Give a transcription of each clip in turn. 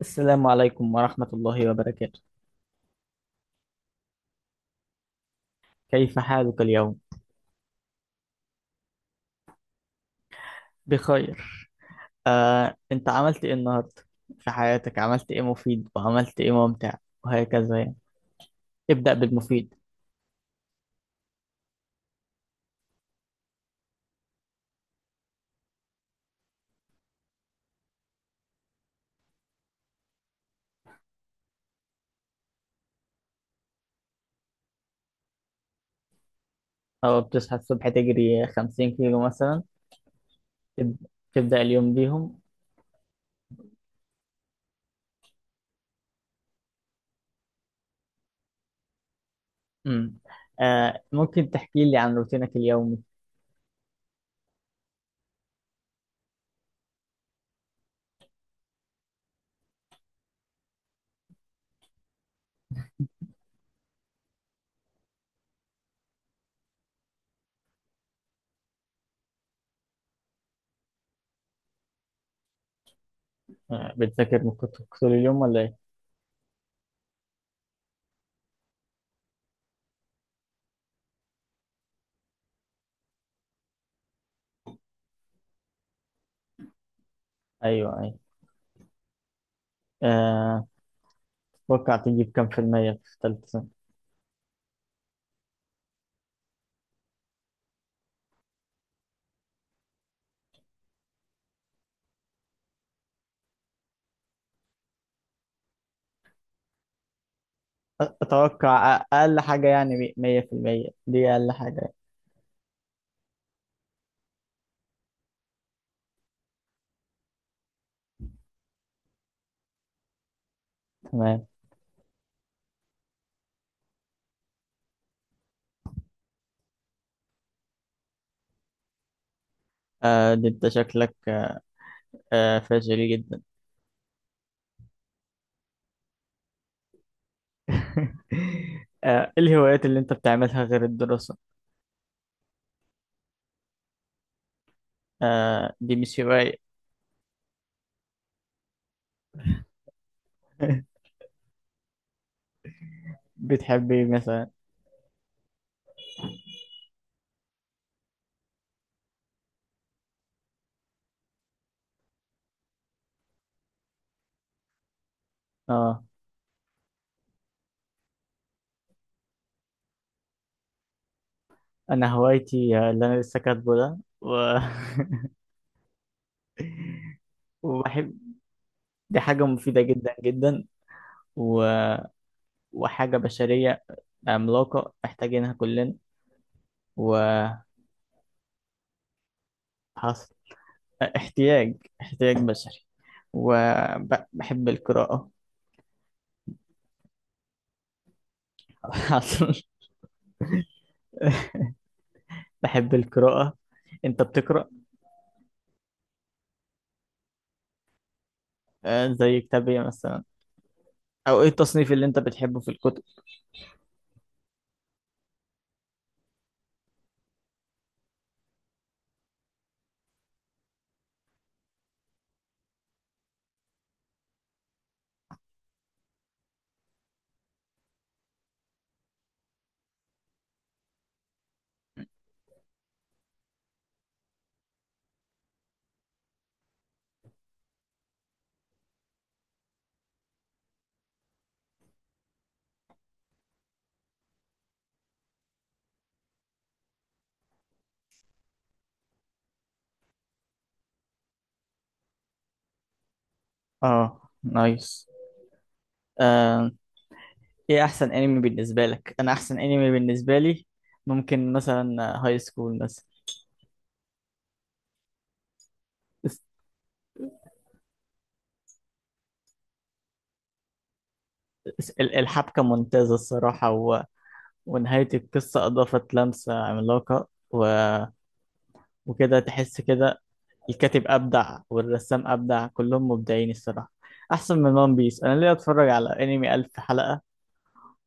السلام عليكم ورحمة الله وبركاته. كيف حالك اليوم؟ بخير. أنت عملت إيه النهاردة في حياتك؟ عملت إيه مفيد وعملت إيه ممتع وهكذا يعني. ابدأ بالمفيد. أو بتصحى الصبح تجري 50 كيلو مثلا، تب- تبدأ اليوم بيهم. مم. ممكن تحكي لي عن روتينك اليومي؟ بتذاكر من كتب طول اليوم ولا إيه؟ أيوه، أيوه. آه، تتوقع تجيب كام في المية في ثالثة سنة؟ أتوقع أقل حاجة يعني 100%، دي أقل حاجة. تمام. ده انت شكلك فاشل جدا. إيه الهوايات اللي انت بتعملها غير الدراسة؟ دي مش هواية. بتحب ايه مثلا؟ اه انا هوايتي، اللي انا لسه كاتبه ده و... وبحب. دي حاجة مفيدة جدا جدا و... وحاجة بشرية عملاقة محتاجينها كلنا. وحصل احتياج، احتياج بشري. وبحب القراءة. حصل. بحب القراءة. انت بتقرأ؟ زي كتاب ايه مثلا؟ او ايه التصنيف اللي انت بتحبه في الكتب؟ اه نايس. آه، ايه احسن انمي بالنسبة لك؟ انا احسن انمي بالنسبة لي ممكن مثلا هاي سكول مثلا. الس- الحبكة ممتازة الصراحة ونهاية القصة أضافت لمسة عملاقة وكده تحس كده. الكاتب أبدع والرسام أبدع، كلهم مبدعين الصراحة. أحسن من ون بيس. أنا ليه أتفرج على أنمي ألف حلقة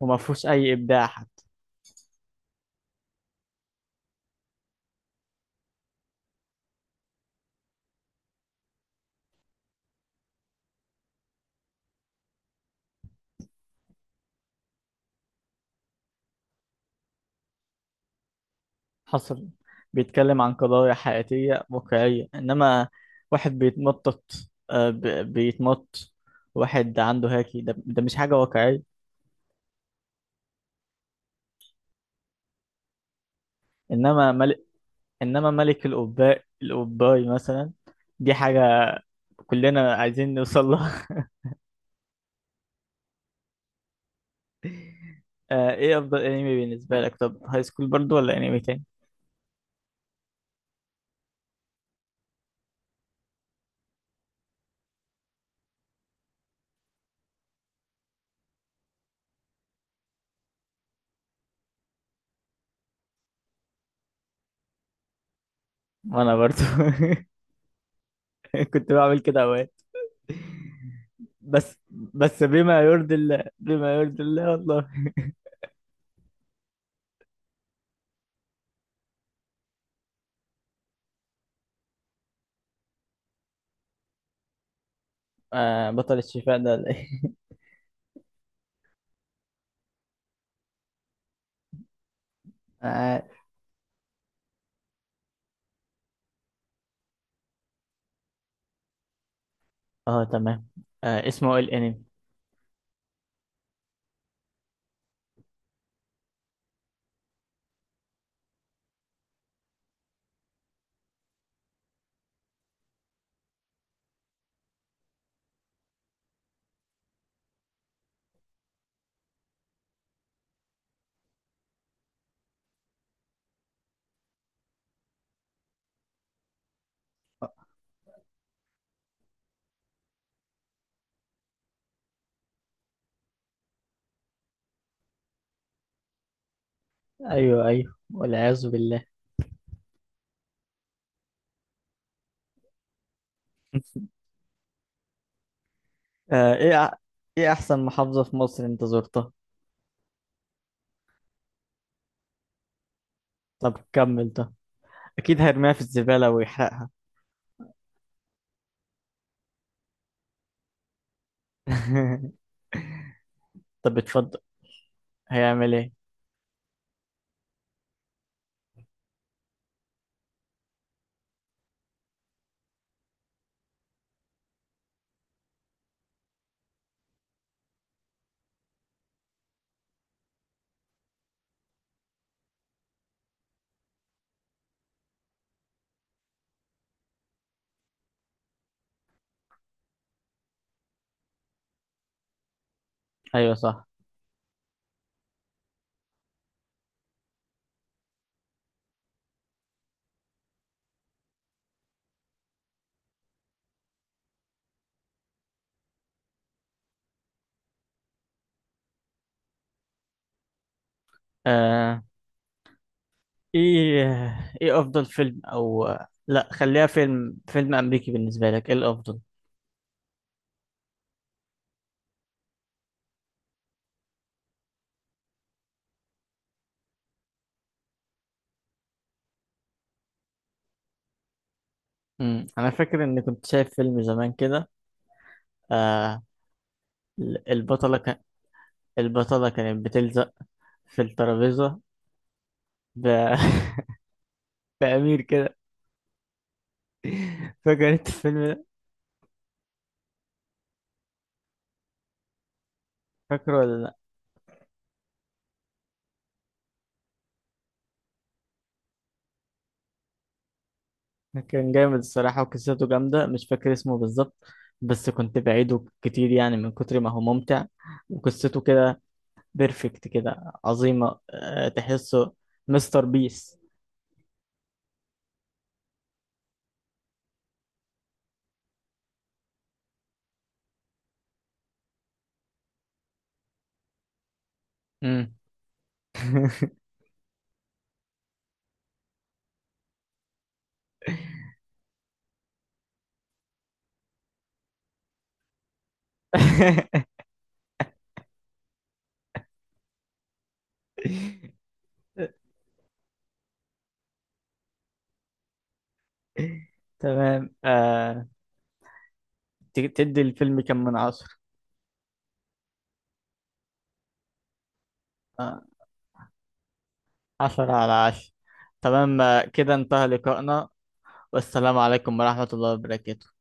وما فيهوش أي إبداع؟ حصل. بيتكلم عن قضايا حياتية واقعية، إنما واحد بيتمطط، بيتمط، واحد عنده هاكي ده مش حاجة واقعية. إنما ملك إنما ملك القباء القباي مثلا، دي حاجة كلنا عايزين نوصل لها. إيه أفضل أنمي بالنسبة لك؟ طب هاي سكول برضو ولا أنمي تاني؟ وأنا برضو كنت بعمل كده أوقات. بس بس، بما يرضي الله، بما يرضي الله والله. بطل الشفاء ده ولا إيه؟ اه، تمام. اسمه إيه الانمي؟ ايوه، ايوه، والعياذ بالله. آه ايه أح- ايه احسن محافظة في مصر انت زرتها؟ طب كمل ده، اكيد هيرميها في الزبالة ويحرقها. طب اتفضل. هيعمل ايه؟ ايوه، صح. آه ايه افضل فيلم او، لا خليها فيلم امريكي. بالنسبة لك ايه الافضل؟ انا فاكر اني كنت شايف فيلم زمان كده. آه البطلة البطلة كانت بتلزق في الترابيزة ب... بأمير كده، فاكر انت الفيلم ده؟ فاكره ولا لا؟ كان جامد الصراحة وقصته جامدة، مش فاكر اسمه بالظبط بس كنت بعيده كتير يعني من كتر ما هو ممتع. وقصته كده بيرفكت كده عظيمة، تحسه مستر بيس. مم. تمام. تدي الفيلم كم من 10؟ آه، 10/10. تمام. كده انتهى لقائنا، والسلام عليكم ورحمة الله وبركاته.